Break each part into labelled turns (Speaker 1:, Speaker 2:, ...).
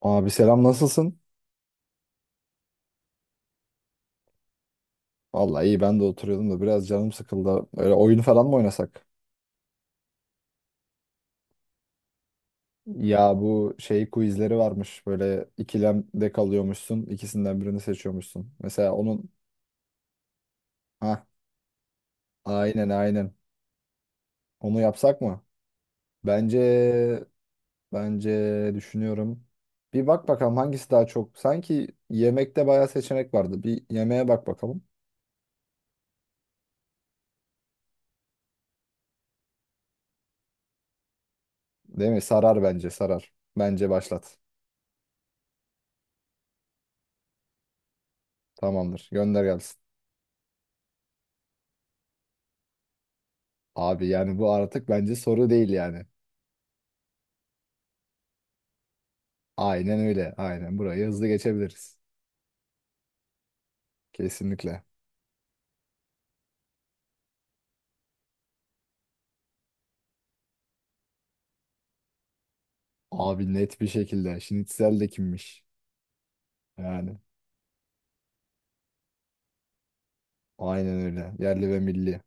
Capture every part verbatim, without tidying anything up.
Speaker 1: Abi selam nasılsın? Vallahi iyi ben de oturuyordum da biraz canım sıkıldı. Öyle oyun falan mı oynasak? Ya bu şey quizleri varmış. Böyle ikilemde kalıyormuşsun. İkisinden birini seçiyormuşsun. Mesela onun ha aynen aynen. Onu yapsak mı? Bence bence düşünüyorum. Bir bak bakalım hangisi daha çok. Sanki yemekte bayağı seçenek vardı. Bir yemeğe bak bakalım. Değil mi? Sarar bence sarar. Bence başlat. Tamamdır. Gönder gelsin. Abi yani bu artık bence soru değil yani. Aynen öyle. Aynen burayı hızlı geçebiliriz. Kesinlikle. Abi net bir şekilde. Şinitzel de kimmiş? Yani. Aynen öyle. Yerli ve milli.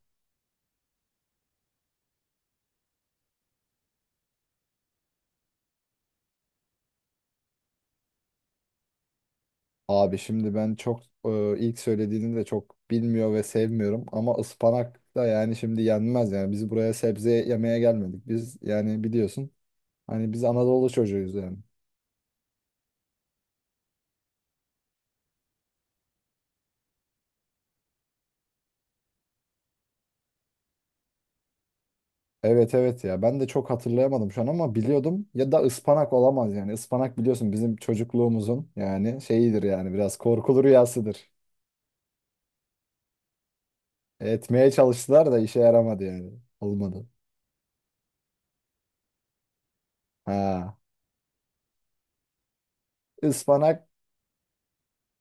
Speaker 1: Abi şimdi ben çok e, ilk söylediğini de çok bilmiyor ve sevmiyorum ama ıspanak da yani şimdi yenmez yani. Biz buraya sebze yemeye gelmedik. Biz yani biliyorsun hani biz Anadolu çocuğuyuz yani. Evet evet ya ben de çok hatırlayamadım şu an ama biliyordum ya da ıspanak olamaz yani. Ispanak biliyorsun bizim çocukluğumuzun yani şeyidir yani biraz korkulu rüyasıdır. Etmeye çalıştılar da işe yaramadı yani. Olmadı. Ha. Ispanak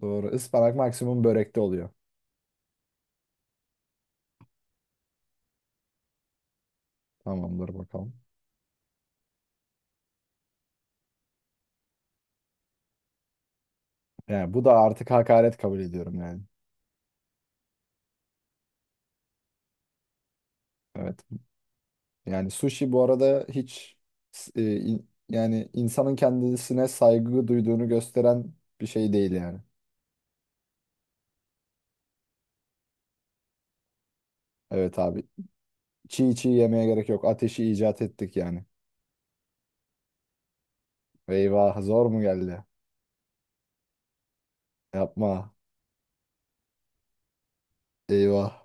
Speaker 1: doğru. Ispanak maksimum börekte oluyor. Tamamdır bakalım. Yani bu da artık hakaret kabul ediyorum yani. Evet. Yani sushi bu arada hiç s- e, in- yani insanın kendisine saygı duyduğunu gösteren bir şey değil yani. Evet abi. Çiğ çiğ yemeye gerek yok. Ateşi icat ettik yani. Eyvah zor mu geldi? Yapma. Eyvah.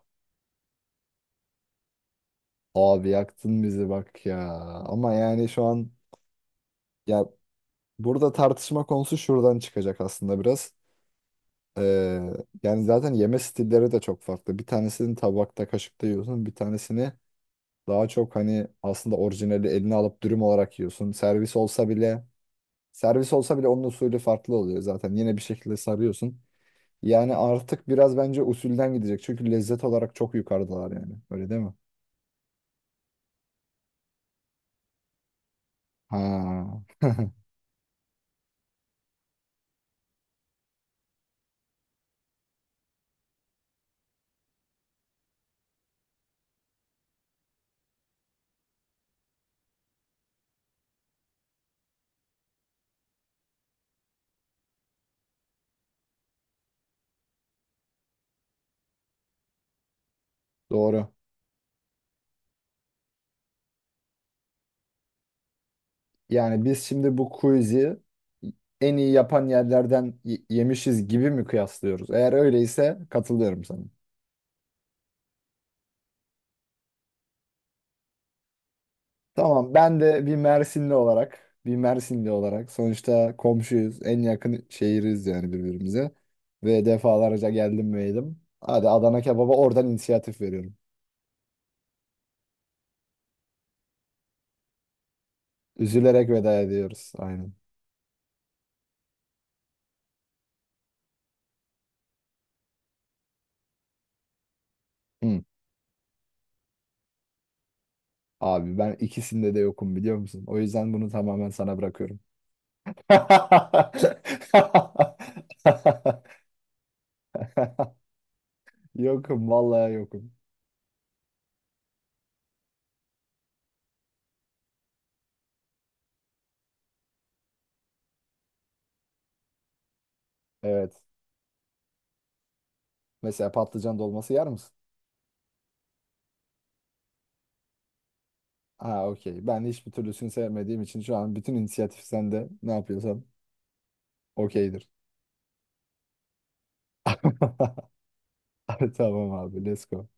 Speaker 1: Abi yaktın bizi bak ya. Ama yani şu an ya Burada tartışma konusu şuradan çıkacak aslında biraz. Ee, yani zaten yeme stilleri de çok farklı. Bir tanesini tabakta, kaşıkta yiyorsun. Bir tanesini daha çok hani aslında orijinali eline alıp dürüm olarak yiyorsun. Servis olsa bile servis olsa bile onun usulü farklı oluyor zaten. Yine bir şekilde sarıyorsun. Yani artık biraz bence usulden gidecek. Çünkü lezzet olarak çok yukarıdalar yani. Öyle değil mi? Ha. Doğru. Yani biz şimdi bu quiz'i en iyi yapan yerlerden y- yemişiz gibi mi kıyaslıyoruz? Eğer öyleyse katılıyorum sana. Tamam, ben de bir Mersinli olarak, bir Mersinli olarak sonuçta komşuyuz, en yakın şehiriz yani birbirimize ve defalarca geldim ve yedim. Hadi Adana kebaba oradan inisiyatif veriyorum. Üzülerek veda ediyoruz. Aynen. Hı. Abi ben ikisinde de yokum biliyor musun? O yüzden bunu tamamen sana bırakıyorum. Yokum vallahi yokum. Evet. Mesela patlıcan dolması yer misin? Ha okey. Ben hiçbir türlüsünü sevmediğim için şu an bütün inisiyatif sende. Ne yapıyorsam okeydir. Ay, Tamam abi let's go.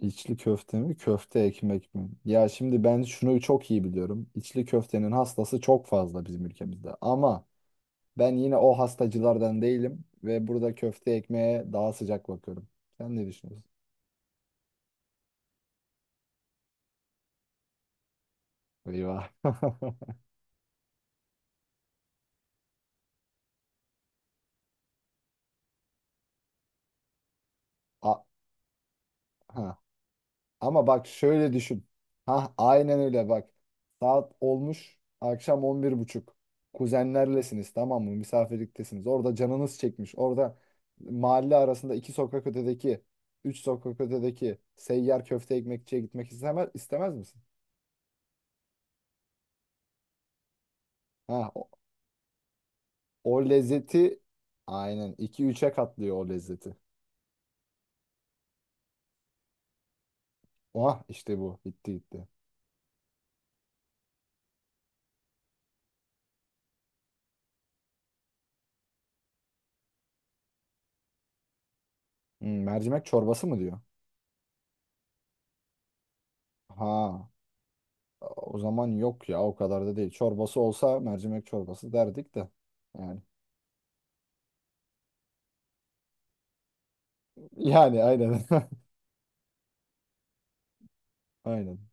Speaker 1: İçli köfte mi köfte ekmek mi? Ya şimdi ben şunu çok iyi biliyorum. İçli köftenin hastası çok fazla bizim ülkemizde. Ama ben yine o hastacılardan değilim. Ve burada köfte ekmeğe daha sıcak bakıyorum. Sen ne düşünüyorsun? Eyvah. A- ha. Ama bak şöyle düşün. Ha aynen öyle bak. Saat olmuş akşam on bir buçuk Kuzenlerlesiniz tamam mı? Misafirliktesiniz. Orada canınız çekmiş. Orada mahalle arasında iki sokak ötedeki, üç sokak ötedeki seyyar köfte ekmekçiye gitmek istemez, istemez misin? Ha o, o lezzeti aynen iki üçe katlıyor o lezzeti. Oha işte bu. Bitti gitti. Hmm, mercimek çorbası mı diyor? Ha O zaman yok ya o kadar da değil. Çorbası olsa mercimek çorbası derdik de. Yani yani aynen. Aynen.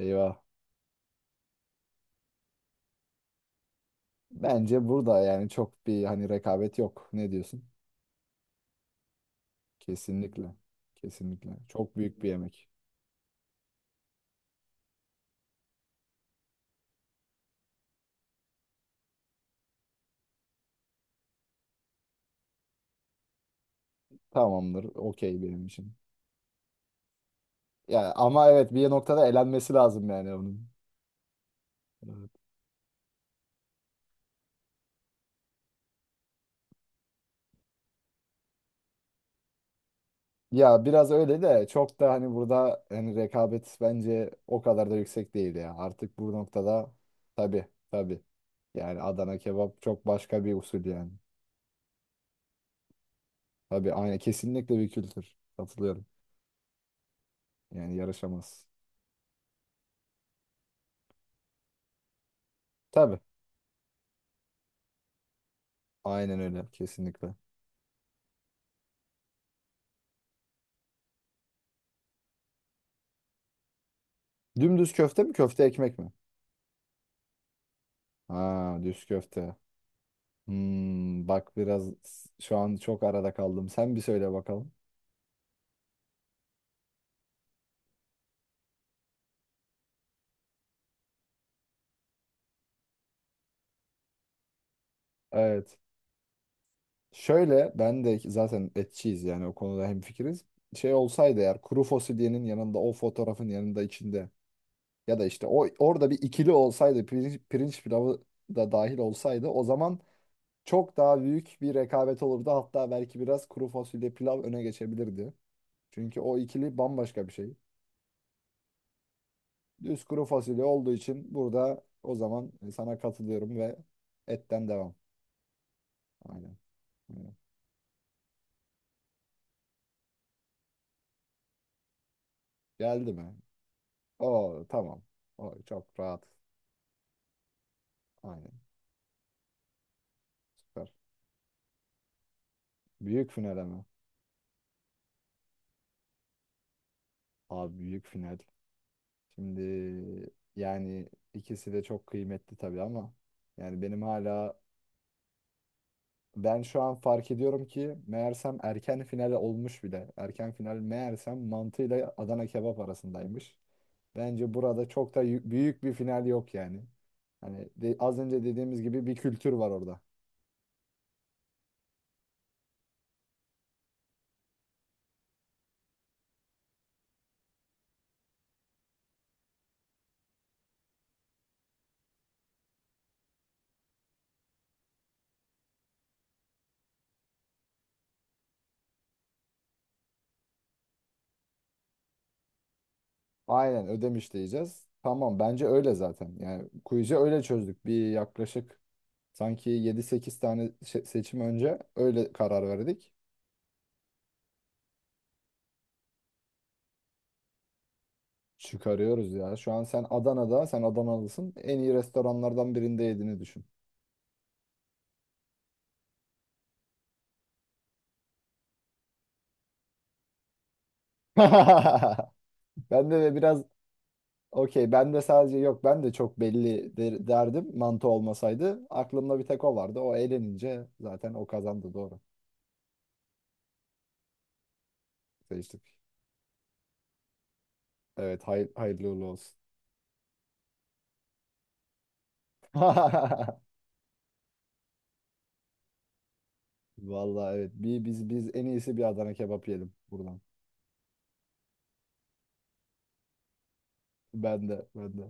Speaker 1: Eyvah. Bence burada yani çok bir hani rekabet yok. Ne diyorsun? Kesinlikle. Kesinlikle. Çok büyük bir yemek. Tamamdır. Okey benim için. Ya ama evet bir noktada elenmesi lazım yani onun. Ee, Ya biraz öyle de çok da hani burada hani rekabet bence o kadar da yüksek değil ya. Artık bu noktada tabii tabii. Yani Adana kebap çok başka bir usul yani. Tabii aynı kesinlikle bir kültür. Katılıyorum. Yani yarışamaz. Tabii. Aynen öyle kesinlikle. Dümdüz köfte mi köfte ekmek mi? Ha düz köfte. Hmm, bak biraz s- şu an çok arada kaldım. Sen bir söyle bakalım. Evet. Şöyle ben de zaten etçiyiz yani o konuda hemfikiriz. Şey olsaydı eğer kuru fasulyenin yanında o fotoğrafın yanında içinde ya da işte o orada bir ikili olsaydı pirinç, pirinç pilavı da dahil olsaydı o zaman çok daha büyük bir rekabet olurdu. Hatta belki biraz kuru fasulye pilav öne geçebilirdi. Çünkü o ikili bambaşka bir şey. Düz kuru fasulye olduğu için burada o zaman e, sana katılıyorum ve etten devam. Aynen. Aynen. Geldi mi? Oo tamam. O çok rahat. Aynen. Süper. Büyük final ama. Abi büyük final. Şimdi yani ikisi de çok kıymetli tabii ama yani benim hala ben şu an fark ediyorum ki meğersem erken final olmuş bile. Erken final meğersem mantıyla Adana kebap arasındaymış. Bence burada çok da yü- büyük bir final yok yani. Hani de- az önce dediğimiz gibi bir kültür var orada. Aynen ödemiş diyeceğiz. Tamam bence öyle zaten. Yani quiz'i öyle çözdük. Bir yaklaşık Sanki yedi sekiz tane şe- seçim önce öyle karar verdik. Çıkarıyoruz ya. Şu an sen Adana'da, sen Adanalısın. En iyi restoranlardan birinde yediğini düşün. Ben de biraz okey. Ben de sadece yok. Ben de çok belli der- derdim mantı olmasaydı. Aklımda bir tek o vardı. O eğlenince zaten o kazandı doğru. Seçtik. Evet hay hayırlı uğurlu olsun. Vallahi evet. Bir, biz biz en iyisi bir Adana kebap yiyelim buradan. Ben de ben de.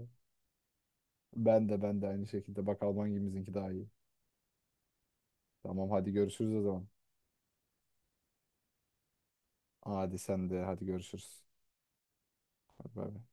Speaker 1: Ben de ben de aynı şekilde. Bak Alman gemizinki daha iyi. Tamam hadi görüşürüz o zaman. Hadi sen de hadi görüşürüz. Hadi bay bay.